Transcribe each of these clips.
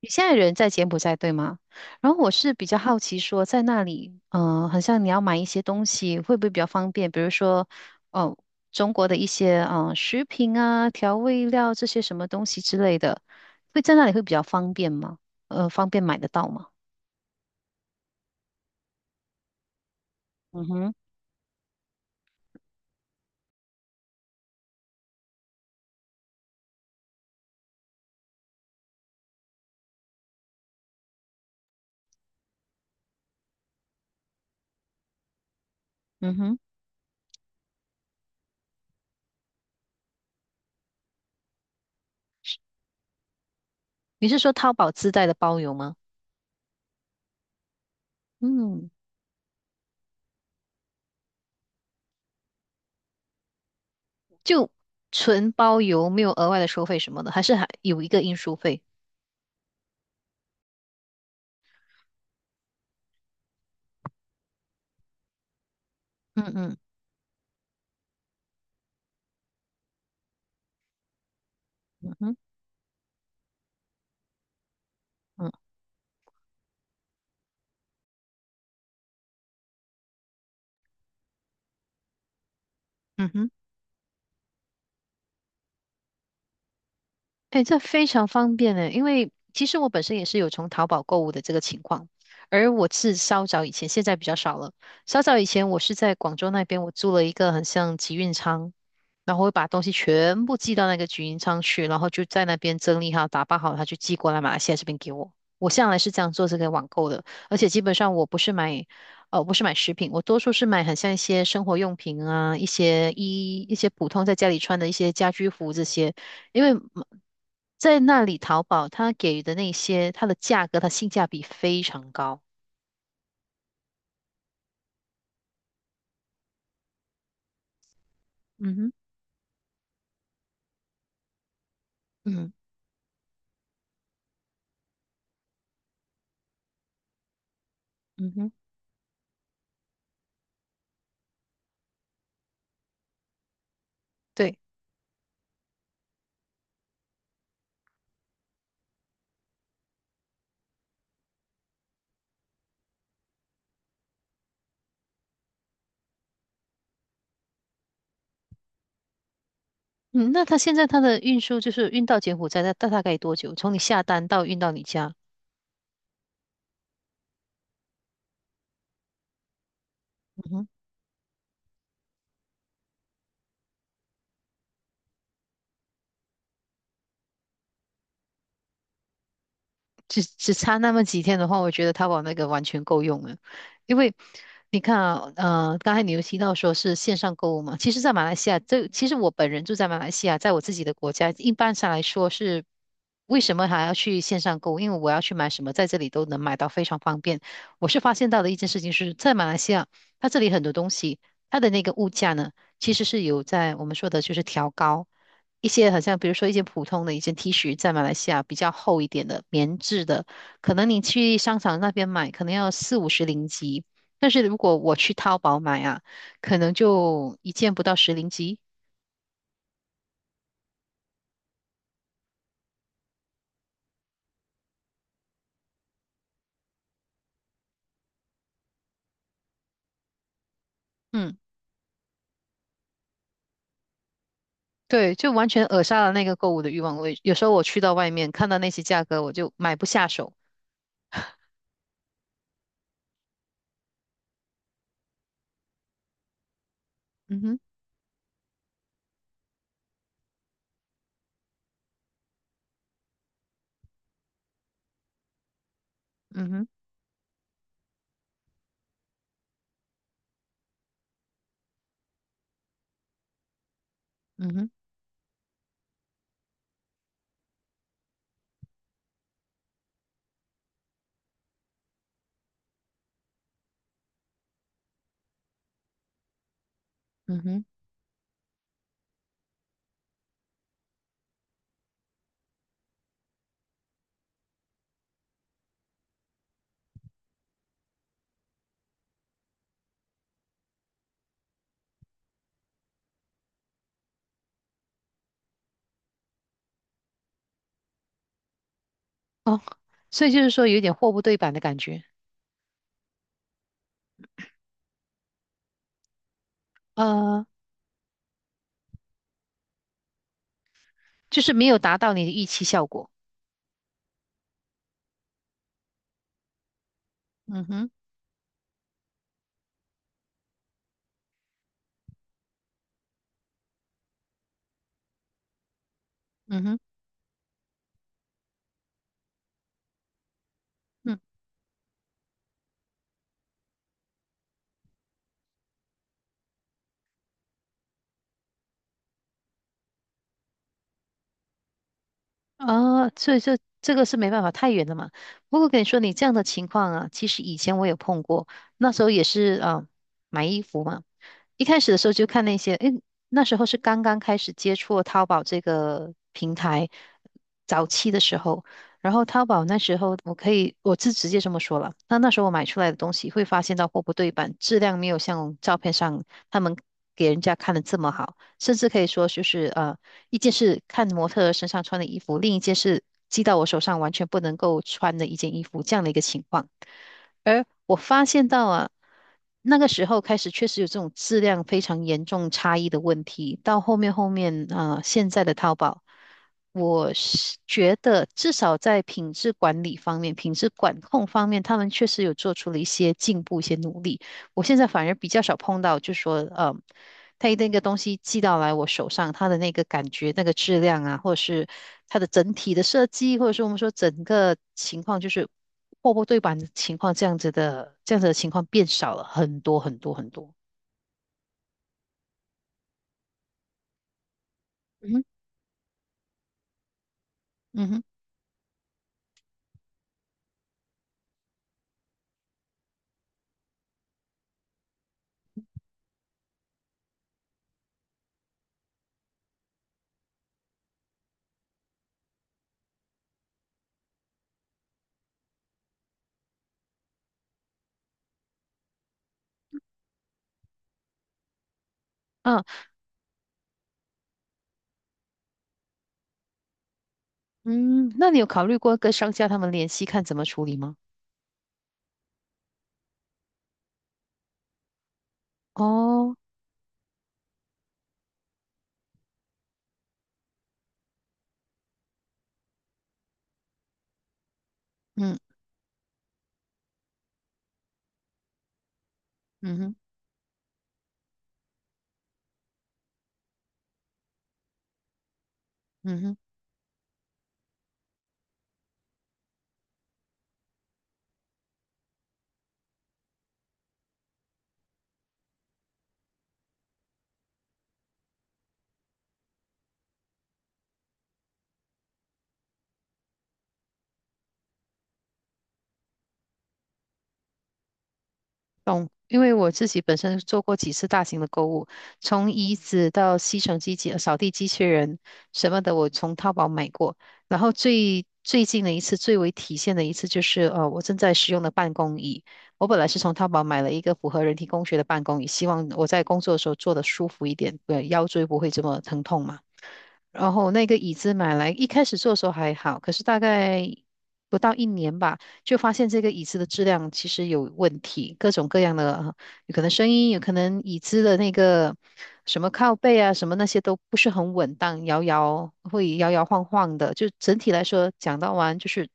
你现在人在柬埔寨对吗？然后我是比较好奇说，在那里，好像你要买一些东西，会不会比较方便？比如说，哦，中国的一些食品啊、调味料这些什么东西之类的，会在那里会比较方便吗？方便买得到吗？嗯哼，嗯哼，是，你是说淘宝自带的包邮吗？嗯，就纯包邮，没有额外的收费什么的，还是还有一个运输费？嗯嗯嗯哼嗯嗯哼。哎，这非常方便呢，因为其实我本身也是有从淘宝购物的这个情况，而我是稍早以前，现在比较少了。稍早以前，我是在广州那边，我租了一个很像集运仓，然后会把东西全部寄到那个集运仓去，然后就在那边整理好、打包好，他就寄过来马来西亚这边给我。我向来是这样做这个网购的，而且基本上我不是买，不是买食品，我多数是买很像一些生活用品啊，一些衣，一些普通在家里穿的一些家居服这些。因为在那里淘宝，它给予的那些，它的价格，它性价比非常高。嗯哼，嗯嗯哼，对，嗯，那它现在它的运输就是运到柬埔寨，它大概多久？从你下单到运到你家？嗯哼。只差那么几天的话，我觉得淘宝那个完全够用了。因为你看啊，刚才你有提到说是线上购物嘛，其实，在马来西亚，这其实我本人住在马来西亚，在我自己的国家，一般上来说是为什么还要去线上购物？因为我要去买什么，在这里都能买到，非常方便。我是发现到的一件事情是，在马来西亚，它这里很多东西，它的那个物价呢，其实是有在我们说的就是调高。一些好像比如说一件普通的一件 T 恤，在马来西亚比较厚一点的棉质的，可能你去商场那边买，可能要40到50零吉，但是如果我去淘宝买啊，可能就一件不到十零吉。嗯，对，就完全扼杀了那个购物的欲望。我有时候我去到外面看到那些价格，我就买不下手。嗯哼，嗯哼，嗯哼，嗯哼，哦，所以就是说有点货不对版的感觉，呃，就是没有达到你的预期效果。嗯哼，嗯哼。嗯。啊，所以这个是没办法，太远了嘛。不过跟你说，你这样的情况啊，其实以前我有碰过，那时候也是啊，买衣服嘛。一开始的时候就看那些，诶，那时候是刚刚开始接触淘宝这个平台，早期的时候，然后淘宝那时候我可以，我是直接这么说了。那时候我买出来的东西会发现到货不对版，质量没有像照片上他们给人家看的这么好，甚至可以说就是一件是看模特儿身上穿的衣服，另一件是寄到我手上完全不能够穿的一件衣服，这样的一个情况。而我发现到啊，那个时候开始确实有这种质量非常严重差异的问题。到后面啊、现在的淘宝，我是觉得至少在品质管理方面、品质管控方面，他们确实有做出了一些进步、一些努力。我现在反而比较少碰到，就说，他一那个东西寄到来我手上，它的那个感觉、那个质量啊，或者是它的整体的设计，或者是我们说整个情况，就是货不对版的情况，这样子的情况变少了很多很多很多。嗯哼嗯哼，啊嗯，那你有考虑过跟商家他们联系，看怎么处理吗？哦，嗯嗯哼嗯哼。懂，因为我自己本身做过几次大型的购物，从椅子到吸尘机器、扫地机器人什么的，我从淘宝买过。然后最最近的一次，最为体现的一次就是，我正在使用的办公椅。我本来是从淘宝买了一个符合人体工学的办公椅，希望我在工作的时候坐得舒服一点，对，腰椎不会这么疼痛嘛。然后那个椅子买来，一开始做的时候还好，可是大概不到1年吧，就发现这个椅子的质量其实有问题，各种各样的，有可能声音，有可能椅子的那个什么靠背啊，什么那些都不是很稳当，会摇摇晃晃的。就整体来说，讲到完就是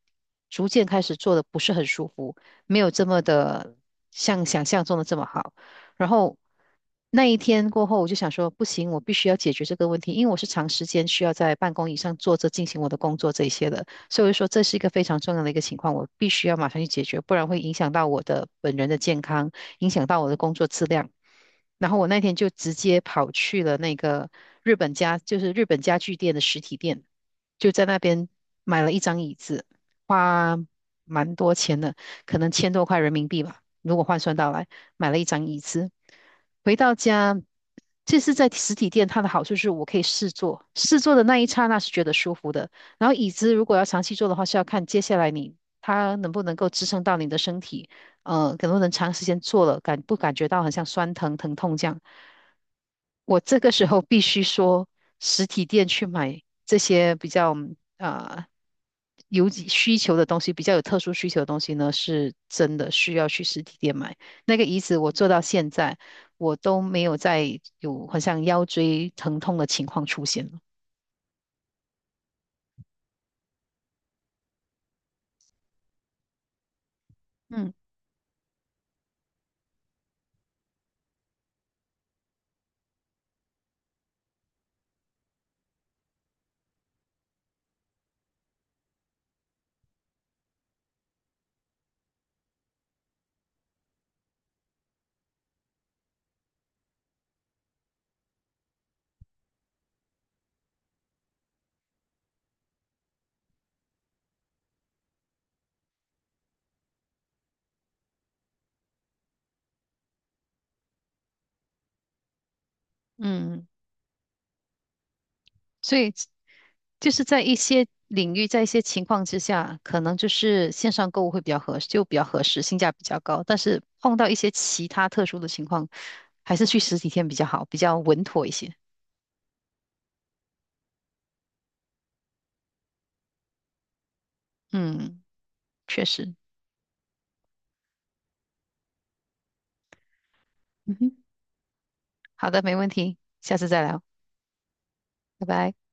逐渐开始做的不是很舒服，没有这么的像想象中的这么好。然后那一天过后，我就想说，不行，我必须要解决这个问题，因为我是长时间需要在办公椅上坐着进行我的工作这一些的，所以我就说这是一个非常重要的一个情况，我必须要马上去解决，不然会影响到我的本人的健康，影响到我的工作质量。然后我那天就直接跑去了那个日本家，就是日本家具店的实体店，就在那边买了一张椅子，花蛮多钱的，可能千多块人民币吧，如果换算到来，买了一张椅子。回到家，这是在实体店，它的好处是我可以试坐，试坐的那一刹那是觉得舒服的。然后椅子如果要长期坐的话，是要看接下来你它能不能够支撑到你的身体。可能能长时间做了，感不感觉到很像酸疼痛这样？我这个时候必须说，实体店去买这些比较啊、有几需求的东西，比较有特殊需求的东西呢，是真的需要去实体店买。那个椅子我做到现在，我都没有再有好像腰椎疼痛的情况出现了。嗯嗯。所以就是在一些领域，在一些情况之下，可能就是线上购物会比较合适，就比较合适，性价比较高。但是碰到一些其他特殊的情况，还是去实体店比较好，比较稳妥一些。嗯，确实。嗯哼。好的，没问题，下次再聊，拜拜。